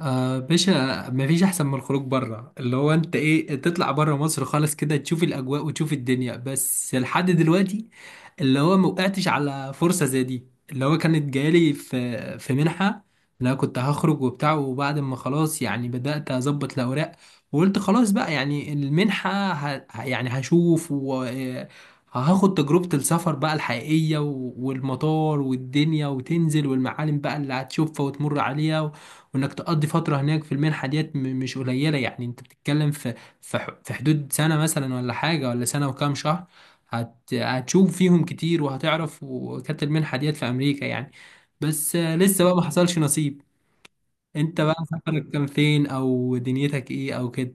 آه، باشا، مفيش احسن من الخروج بره، اللي هو انت ايه تطلع بره مصر خالص كده تشوف الاجواء وتشوف الدنيا. بس لحد دلوقتي اللي هو موقعتش على فرصة زي دي، اللي هو كانت جايلي في منحة. لا، كنت هخرج وبتاع، وبعد ما خلاص يعني بدأت أظبط الأوراق، وقلت خلاص بقى يعني المنحة يعني هشوف وهاخد تجربة السفر بقى الحقيقية، و- والمطار والدنيا وتنزل والمعالم بقى اللي هتشوفها وتمر عليها. وانك تقضي فتره هناك في المنحه ديت مش قليله، يعني انت بتتكلم في حدود سنه مثلا، ولا حاجه، ولا سنه وكام شهر. هتشوف فيهم كتير وهتعرف، وكانت المنحه ديت في امريكا يعني، بس لسه بقى ما حصلش نصيب. انت بقى سفرك كان فين، او دنيتك ايه، او كده؟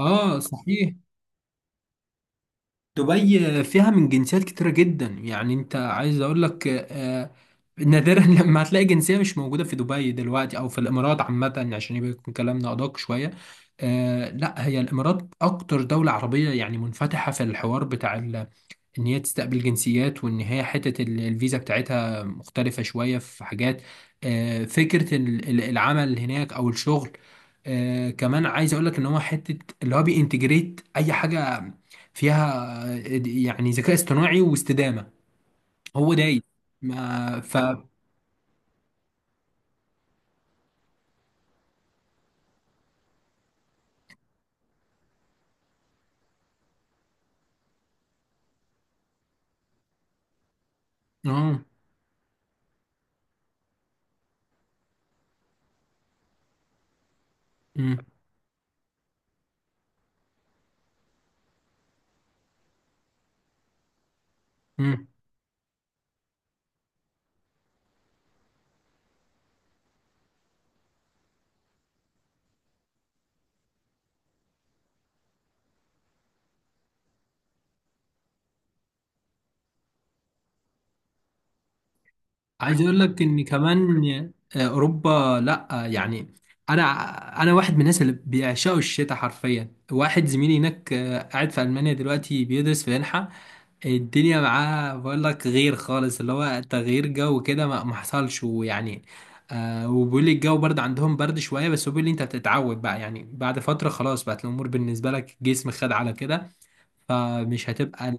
اه، صحيح. دبي فيها من جنسيات كتيرة جدا، يعني انت عايز اقول لك، نادرا لما هتلاقي جنسية مش موجودة في دبي دلوقتي او في الامارات عامة، عشان يبقى يكون كلامنا ادق شوية. لا، هي الامارات اكتر دولة عربية يعني منفتحة في الحوار بتاع ان هي تستقبل جنسيات، وان هي حتة الفيزا بتاعتها مختلفة شوية في حاجات. فكرة العمل هناك او الشغل. كمان عايز اقول لك ان هو حتة اللي هو بينتجريت اي حاجة فيها، يعني ذكاء اصطناعي واستدامة هو دايس ما ف اه. مم. مم. عايز اقول لك ان كمان اوروبا، لا، يعني انا انا واحد من الناس اللي بيعشقوا الشتاء حرفيا. واحد زميلي هناك، قاعد في المانيا دلوقتي بيدرس في منحه، الدنيا معاه، بقول لك غير خالص، اللي هو تغيير جو كده ما حصلش ويعني. وبيقول لي الجو برد عندهم، برد شويه، بس هو بيقول لي انت بتتعود بقى، يعني بعد فتره خلاص بقت الامور بالنسبه لك، جسم خد على كده، فمش هتبقى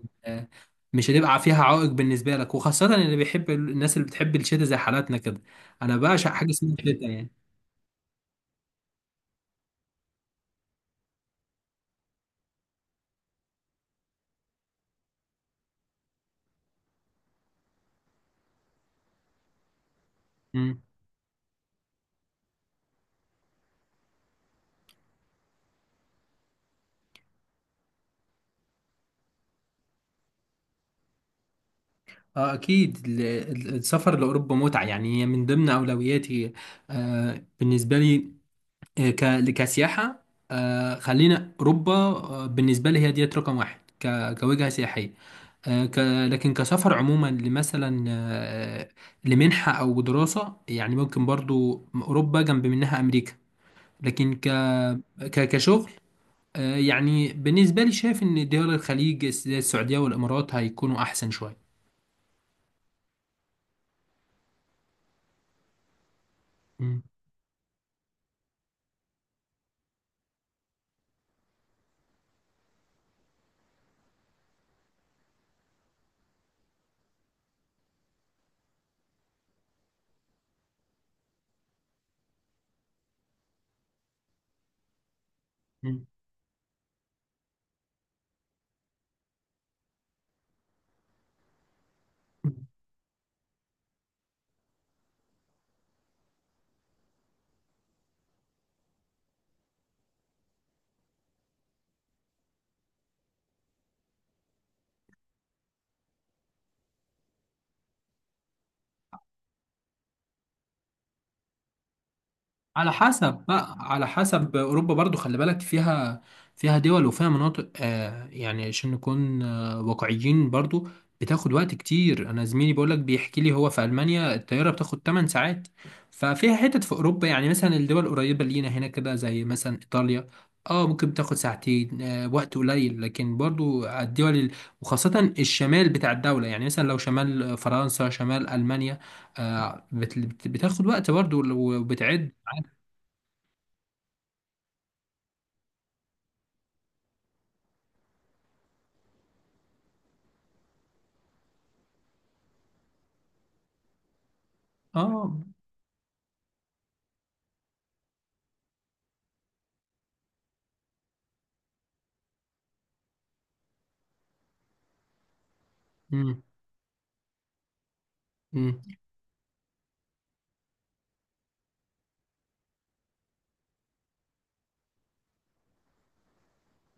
مش هتبقى فيها عائق بالنسبة لك، وخاصة اللي بيحب الناس اللي بتحب الشتاء زي حالاتنا كده. أنا بعشق حاجة اسمها الشتاء يعني. مم. اه، أكيد السفر لأوروبا متعة، يعني هي من ضمن أولوياتي بالنسبة لي، كسياحة. خلينا أوروبا بالنسبة لي هي ديت رقم واحد كوجهة سياحية. آه ك لكن كسفر عموما لمثلا لمنحة أو دراسة، يعني ممكن برضو أوروبا، جنب منها أمريكا. لكن كشغل، يعني بالنسبة لي شايف إن دول الخليج زي السعودية والإمارات هيكونوا أحسن شوية. مم. مم. على حسب اوروبا برضو خلي بالك فيها فيها دول وفيها مناطق، يعني عشان نكون واقعيين برضو. بتاخد وقت كتير، انا زميلي بيقولك بيحكي لي هو في المانيا، الطياره بتاخد 8 ساعات. ففيها حتت في اوروبا، يعني مثلا الدول القريبه لينا هنا كده زي مثلا ايطاليا، اه، ممكن بتاخد ساعتين، وقت قليل، لكن برضو على الدول وخاصه الشمال بتاع الدوله، يعني مثلا لو شمال فرنسا، شمال المانيا، بتاخد وقت برضو وبتعد. اه. مم. مم.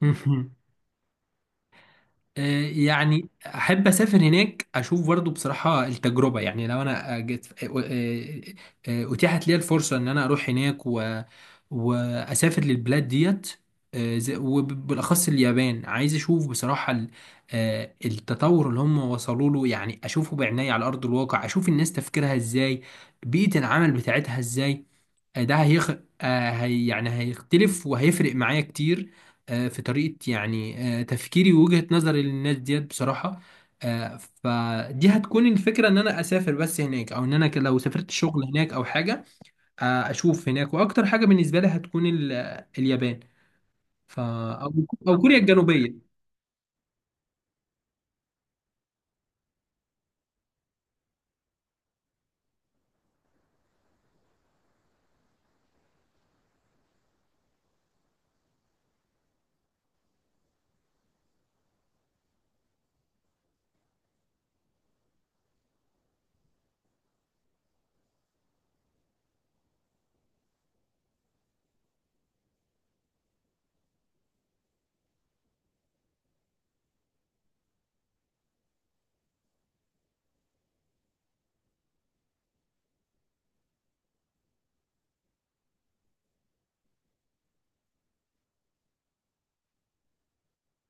مم. يعني احب اسافر هناك اشوف برضو بصراحه التجربه، يعني لو انا جت، اتيحت لي الفرصه ان انا اروح هناك واسافر للبلاد ديت، وبالاخص اليابان عايز اشوف بصراحه التطور اللي هم وصلوا له، يعني اشوفه بعناية على ارض الواقع، اشوف الناس تفكيرها ازاي، بيئه العمل بتاعتها ازاي، آه، ده هيخ... آه، هي يعني هيختلف وهيفرق معايا كتير في طريقة، يعني تفكيري ووجهة نظري للناس ديت بصراحة. فدي هتكون الفكرة ان انا اسافر بس هناك، او ان انا لو سافرت شغل هناك او حاجة. اشوف هناك، واكتر حاجة بالنسبة لي هتكون اليابان، ف... او أو كوريا الجنوبية.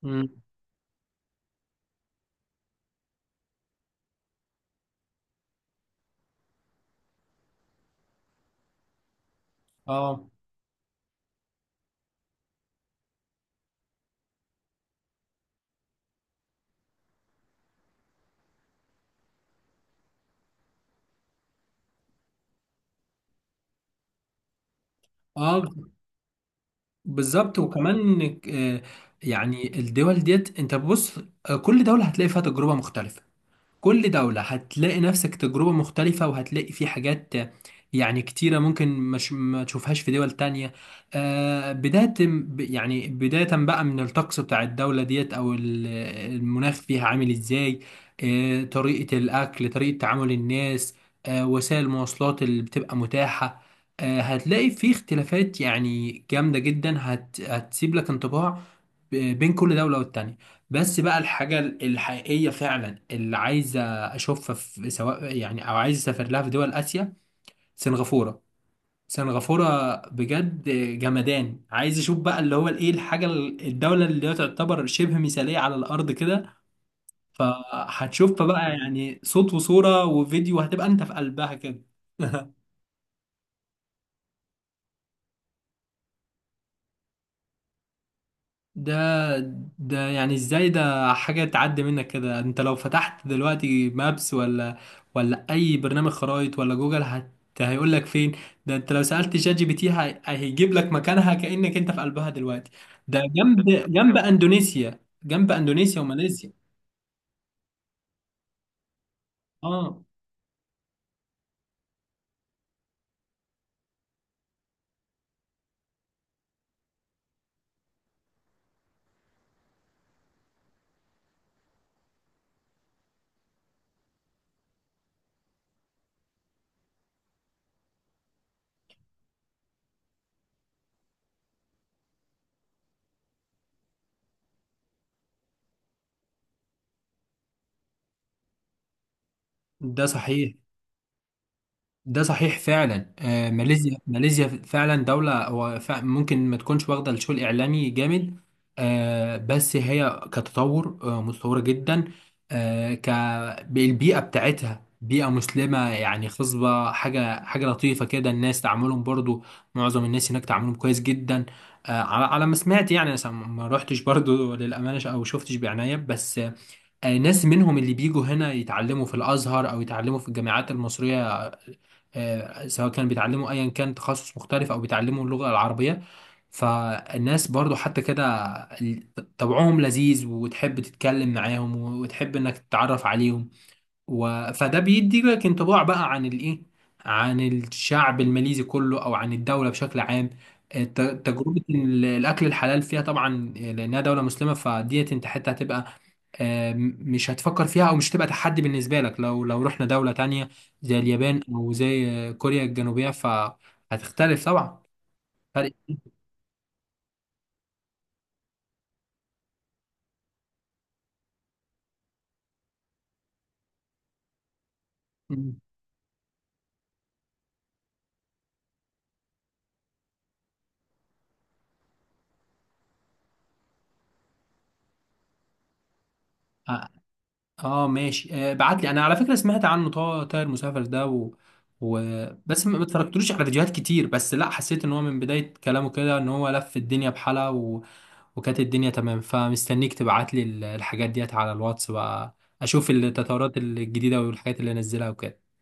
مم. اه، اه، بالظبط. وكمان آه، يعني الدول ديت، انت بص، كل دولة هتلاقي فيها تجربة مختلفة، كل دولة هتلاقي نفسك تجربة مختلفة، وهتلاقي في حاجات يعني كتيرة ممكن مش ما تشوفهاش في دول تانية. يعني بداية بقى من الطقس بتاع الدولة ديت أو المناخ فيها عامل إزاي، طريقة الأكل، طريقة تعامل الناس، وسائل المواصلات اللي بتبقى متاحة. هتلاقي في اختلافات يعني جامدة جدا، هتسيب لك انطباع بين كل دولة والتانية. بس بقى الحاجة الحقيقية فعلا اللي عايزة أشوفها في، سواء يعني، أو عايز أسافر لها، في دول آسيا. سنغافورة، سنغافورة بجد جمدان، عايز أشوف بقى اللي هو الإيه، الحاجة الدولة اللي هي تعتبر شبه مثالية على الأرض كده. فهتشوفها بقى يعني صوت وصورة وفيديو، هتبقى أنت في قلبها كده. ده ده يعني ازاي؟ ده حاجة تعدي منك كده! انت لو فتحت دلوقتي مابس، ولا اي برنامج خرائط، ولا جوجل، هيقول لك فين. ده انت لو سألت شات جي بي تي، هيجيب لك مكانها، كأنك انت في قلبها دلوقتي. ده جنب، اندونيسيا وماليزيا. اه. ده صحيح ده صحيح فعلا. ماليزيا، ماليزيا فعلا دولة، هو ممكن ما تكونش واخدة الشو الإعلامي جامد. بس هي كتطور، متطورة جدا. آه، ك بالبيئة بتاعتها، بيئة مسلمة يعني خصبة، حاجة لطيفة كده. الناس تعاملهم برضو، معظم الناس هناك تعاملهم كويس جدا، على ما سمعت يعني. أنا ما روحتش برضو، للأمانة، أو شفتش بعناية. بس ناس منهم اللي بيجوا هنا يتعلموا في الأزهر أو يتعلموا في الجامعات المصرية، سواء كان بيتعلموا ايا كان تخصص مختلف او بيتعلموا اللغة العربية. فالناس برضو حتى كده ال- طبعهم لذيذ، وتحب تتكلم معاهم، وتحب انك تتعرف عليهم فده بيدي لك انطباع بقى عن الايه، عن الشعب الماليزي كله، او عن الدولة بشكل عام. تجربة الأكل الحلال فيها طبعا، لأنها دولة مسلمة، فديت أنت حتى هتبقى، مش هتفكر فيها، او مش هتبقى تحدي بالنسبه لك. لو رحنا دوله تانية زي اليابان، او زي كوريا الجنوبيه، فهتختلف طبعا. فرق. مم. اه، ماشي. بعت لي انا، على فكره سمعت عنه، طائر مسافر ده، و... بس ما اتفرجتلوش على فيديوهات كتير. بس لا، حسيت ان هو من بدايه كلامه كده ان هو لف الدنيا بحالها، وكانت الدنيا تمام. فمستنيك تبعت لي الحاجات ديت على الواتس بقى، اشوف التطورات الجديده والحاجات اللي نزلها وكده.